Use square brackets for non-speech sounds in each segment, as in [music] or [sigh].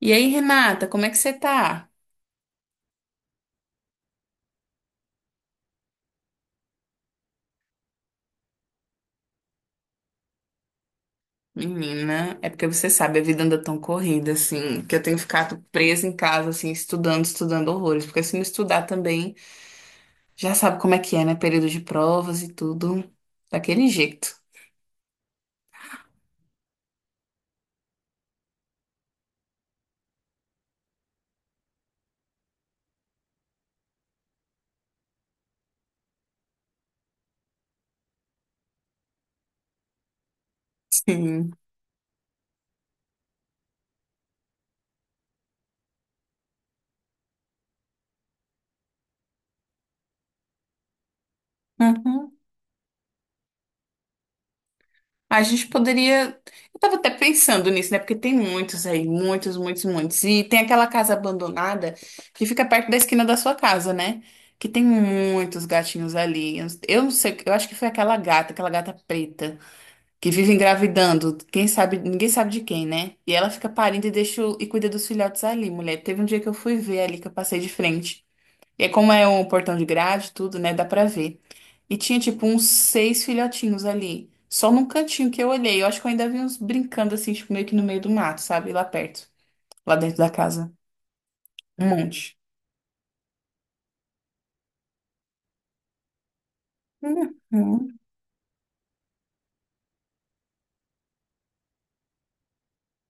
E aí, Renata, como é que você tá? Menina, é porque você sabe, a vida anda tão corrida, assim, que eu tenho ficado presa em casa, assim, estudando, estudando horrores. Porque se não estudar também, já sabe como é que é, né? Período de provas e tudo, daquele jeito. Sim. [laughs] A gente poderia. Eu tava até pensando nisso, né? Porque tem muitos aí, muitos, muitos, muitos. E tem aquela casa abandonada que fica perto da esquina da sua casa, né? Que tem muitos gatinhos ali. Eu não sei, eu acho que foi aquela gata preta, que vive engravidando. Quem sabe, ninguém sabe de quem, né? E ela fica parindo e e cuida dos filhotes ali, mulher. Teve um dia que eu fui ver ali, que eu passei de frente. E como é um portão de grade, tudo, né? Dá pra ver. E tinha, tipo, uns seis filhotinhos ali. Só num cantinho que eu olhei. Eu acho que eu ainda vi uns brincando, assim, tipo, meio que no meio do mato, sabe? Lá perto. Lá dentro da casa. Um monte. Uhum.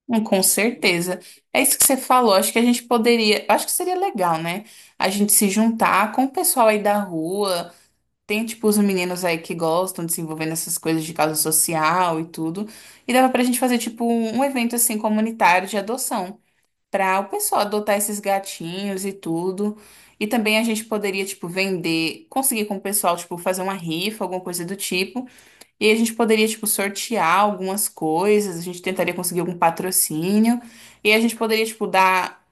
Hum. Com certeza. É isso que você falou. Acho que a gente poderia. Acho que seria legal, né? A gente se juntar com o pessoal aí da rua. Tem, tipo, os meninos aí que gostam de se envolver nessas coisas de causa social e tudo. E dava pra gente fazer, tipo, um evento, assim, comunitário de adoção. Para o pessoal adotar esses gatinhos e tudo. E também a gente poderia, tipo, vender, conseguir com o pessoal, tipo, fazer uma rifa, alguma coisa do tipo. E a gente poderia, tipo, sortear algumas coisas, a gente tentaria conseguir algum patrocínio. E a gente poderia, tipo, dar,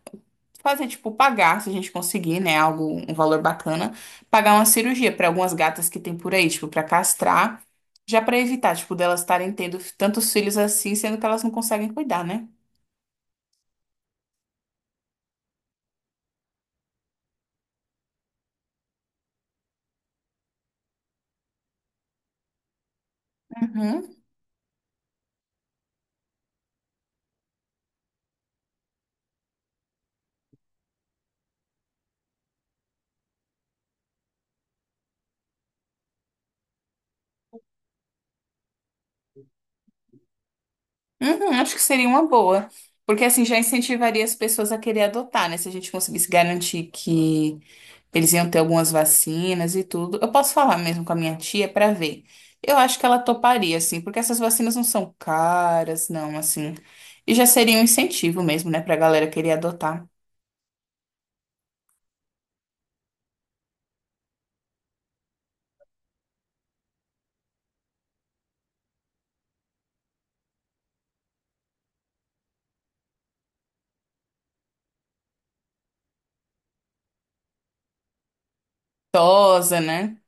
fazer, tipo, pagar, se a gente conseguir, né, algo, um valor bacana, pagar uma cirurgia para algumas gatas que tem por aí, tipo, para castrar. Já para evitar, tipo, delas estarem tendo tantos filhos assim, sendo que elas não conseguem cuidar, né? Uhum. Uhum, acho que seria uma boa. Porque assim já incentivaria as pessoas a querer adotar, né? Se a gente conseguisse garantir que eles iam ter algumas vacinas e tudo. Eu posso falar mesmo com a minha tia pra ver. Eu acho que ela toparia, assim, porque essas vacinas não são caras, não, assim. E já seria um incentivo mesmo, né, pra galera querer adotar. Tosa, né?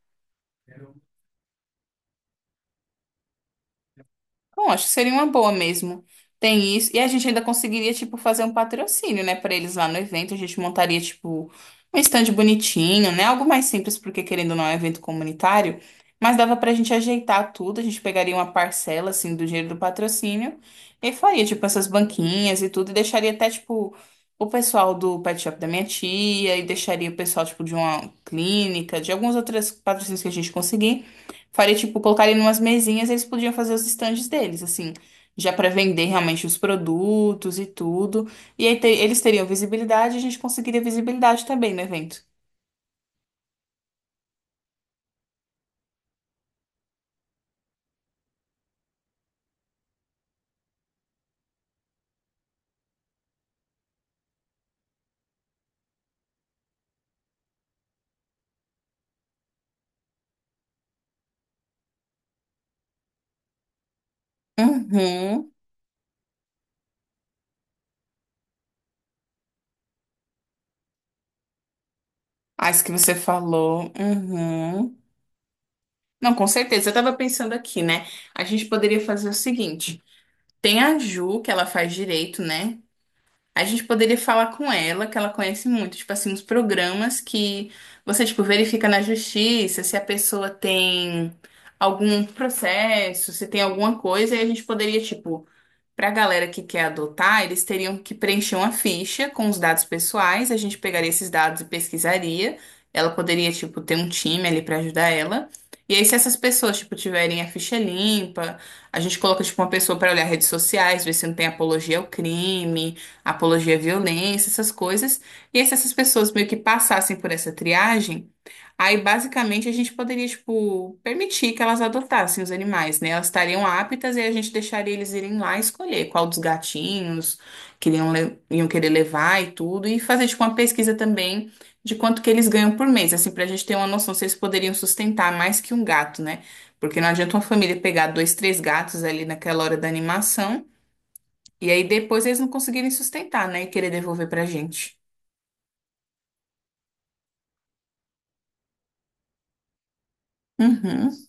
Bom, acho que seria uma boa mesmo. Tem isso. E a gente ainda conseguiria, tipo, fazer um patrocínio, né, pra eles lá no evento. A gente montaria, tipo, um stand bonitinho, né? Algo mais simples, porque querendo ou não, é um evento comunitário. Mas dava pra gente ajeitar tudo. A gente pegaria uma parcela, assim, do dinheiro do patrocínio e faria, tipo, essas banquinhas e tudo. E deixaria até, tipo, o pessoal do pet shop da minha tia e deixaria o pessoal, tipo, de uma clínica, de alguns outros patrocínios que a gente conseguir. Faria, tipo, colocaria em umas mesinhas e eles podiam fazer os estandes deles, assim, já para vender realmente os produtos e tudo. E aí eles teriam visibilidade e a gente conseguiria visibilidade também no evento. Uhum. Ah, isso que você falou. Uhum. Não, com certeza. Eu tava pensando aqui, né? A gente poderia fazer o seguinte: tem a Ju, que ela faz direito, né? A gente poderia falar com ela, que ela conhece muito, tipo assim, uns programas que você, tipo, verifica na justiça se a pessoa tem algum processo, se tem alguma coisa, e a gente poderia, tipo, para a galera que quer adotar, eles teriam que preencher uma ficha com os dados pessoais. A gente pegaria esses dados e pesquisaria. Ela poderia, tipo, ter um time ali para ajudar ela. E aí, se essas pessoas, tipo, tiverem a ficha limpa, a gente coloca, tipo, uma pessoa para olhar redes sociais, ver se não tem apologia ao crime, apologia à violência, essas coisas. E aí, se essas pessoas meio que passassem por essa triagem. Aí, basicamente, a gente poderia, tipo, permitir que elas adotassem os animais, né? Elas estariam aptas e a gente deixaria eles irem lá escolher qual dos gatinhos que iam, iam querer levar e tudo, e fazer, tipo, uma pesquisa também de quanto que eles ganham por mês, assim, pra gente ter uma noção se eles poderiam sustentar mais que um gato, né? Porque não adianta uma família pegar dois, três gatos ali naquela hora da animação, e aí depois eles não conseguirem sustentar, né? E querer devolver pra gente. Uhum.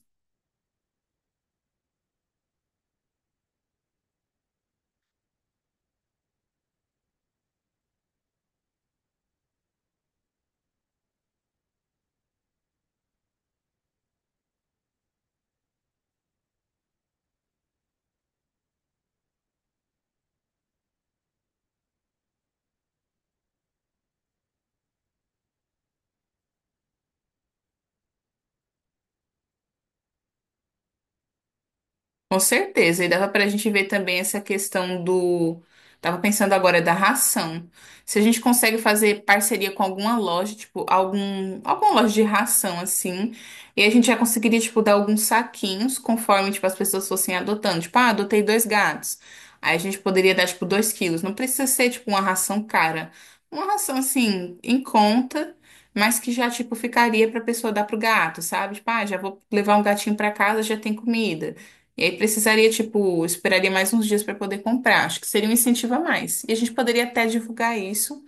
Com certeza, e dava para a gente ver também essa questão do. Tava pensando agora da ração. Se a gente consegue fazer parceria com alguma loja, tipo, algum, alguma loja de ração, assim, e a gente já conseguiria, tipo, dar alguns saquinhos conforme, tipo, as pessoas fossem adotando. Tipo, ah, adotei dois gatos. Aí a gente poderia dar, tipo, dois quilos. Não precisa ser, tipo, uma ração cara. Uma ração, assim, em conta. Mas que já, tipo, ficaria pra pessoa dar pro gato, sabe? Tipo, ah, já vou levar um gatinho pra casa, já tem comida. E aí precisaria, tipo, esperaria mais uns dias para poder comprar. Acho que seria um incentivo a mais. E a gente poderia até divulgar isso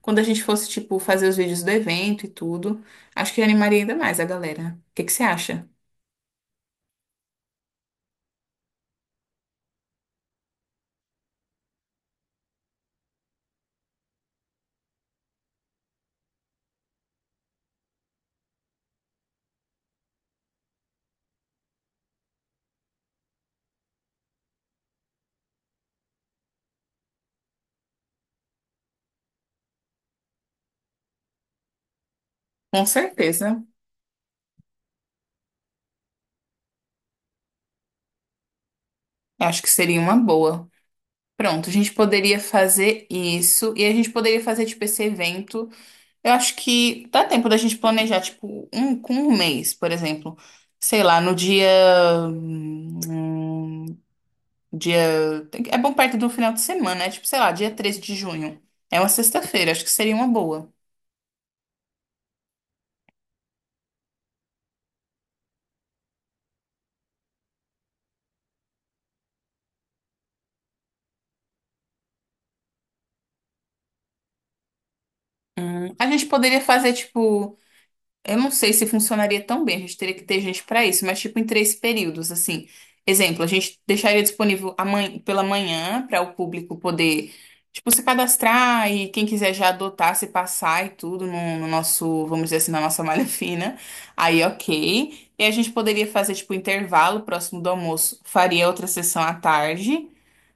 quando a gente fosse, tipo, fazer os vídeos do evento e tudo. Acho que animaria ainda mais a galera. O que que você acha? Com certeza. Acho que seria uma boa. Pronto, a gente poderia fazer isso e a gente poderia fazer, tipo, esse evento. Eu acho que dá tempo da gente planejar, tipo, um com um mês, por exemplo. Sei lá, no dia. hum, Dia. É bom perto do final de semana, né? Tipo, sei lá, dia 13 de junho. É uma sexta-feira, acho que seria uma boa. A gente poderia fazer, tipo. Eu não sei se funcionaria tão bem, a gente teria que ter gente para isso, mas tipo em três períodos, assim. Exemplo, a gente deixaria disponível pela manhã para o público poder, tipo, se cadastrar e quem quiser já adotar, se passar e tudo no, no nosso, vamos dizer assim, na nossa malha [laughs] fina. Aí, ok. E a gente poderia fazer, tipo, intervalo próximo do almoço, faria outra sessão à tarde,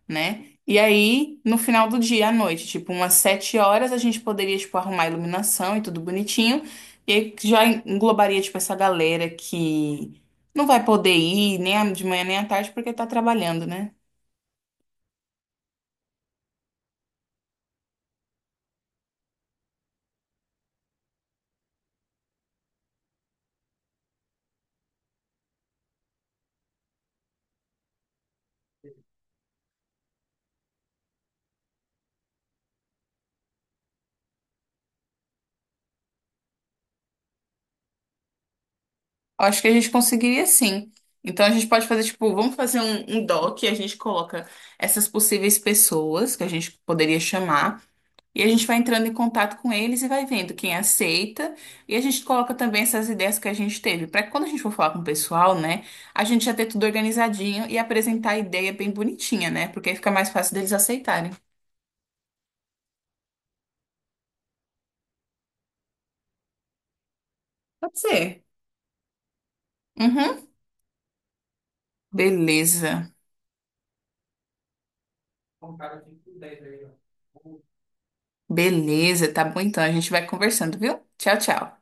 né? E aí, no final do dia, à noite, tipo umas 7 horas, a gente poderia, tipo, arrumar a iluminação e tudo bonitinho. E aí já englobaria, tipo, essa galera que não vai poder ir nem de manhã nem à tarde porque tá trabalhando, né? Eu acho que a gente conseguiria sim. Então a gente pode fazer, tipo, vamos fazer um doc, a gente coloca essas possíveis pessoas que a gente poderia chamar. E a gente vai entrando em contato com eles e vai vendo quem aceita. E a gente coloca também essas ideias que a gente teve, para que quando a gente for falar com o pessoal, né, a gente já ter tudo organizadinho e apresentar a ideia bem bonitinha, né? Porque aí fica mais fácil deles aceitarem. Pode ser. Uhum. Beleza. Beleza, tá bom então. A gente vai conversando, viu? Tchau, tchau.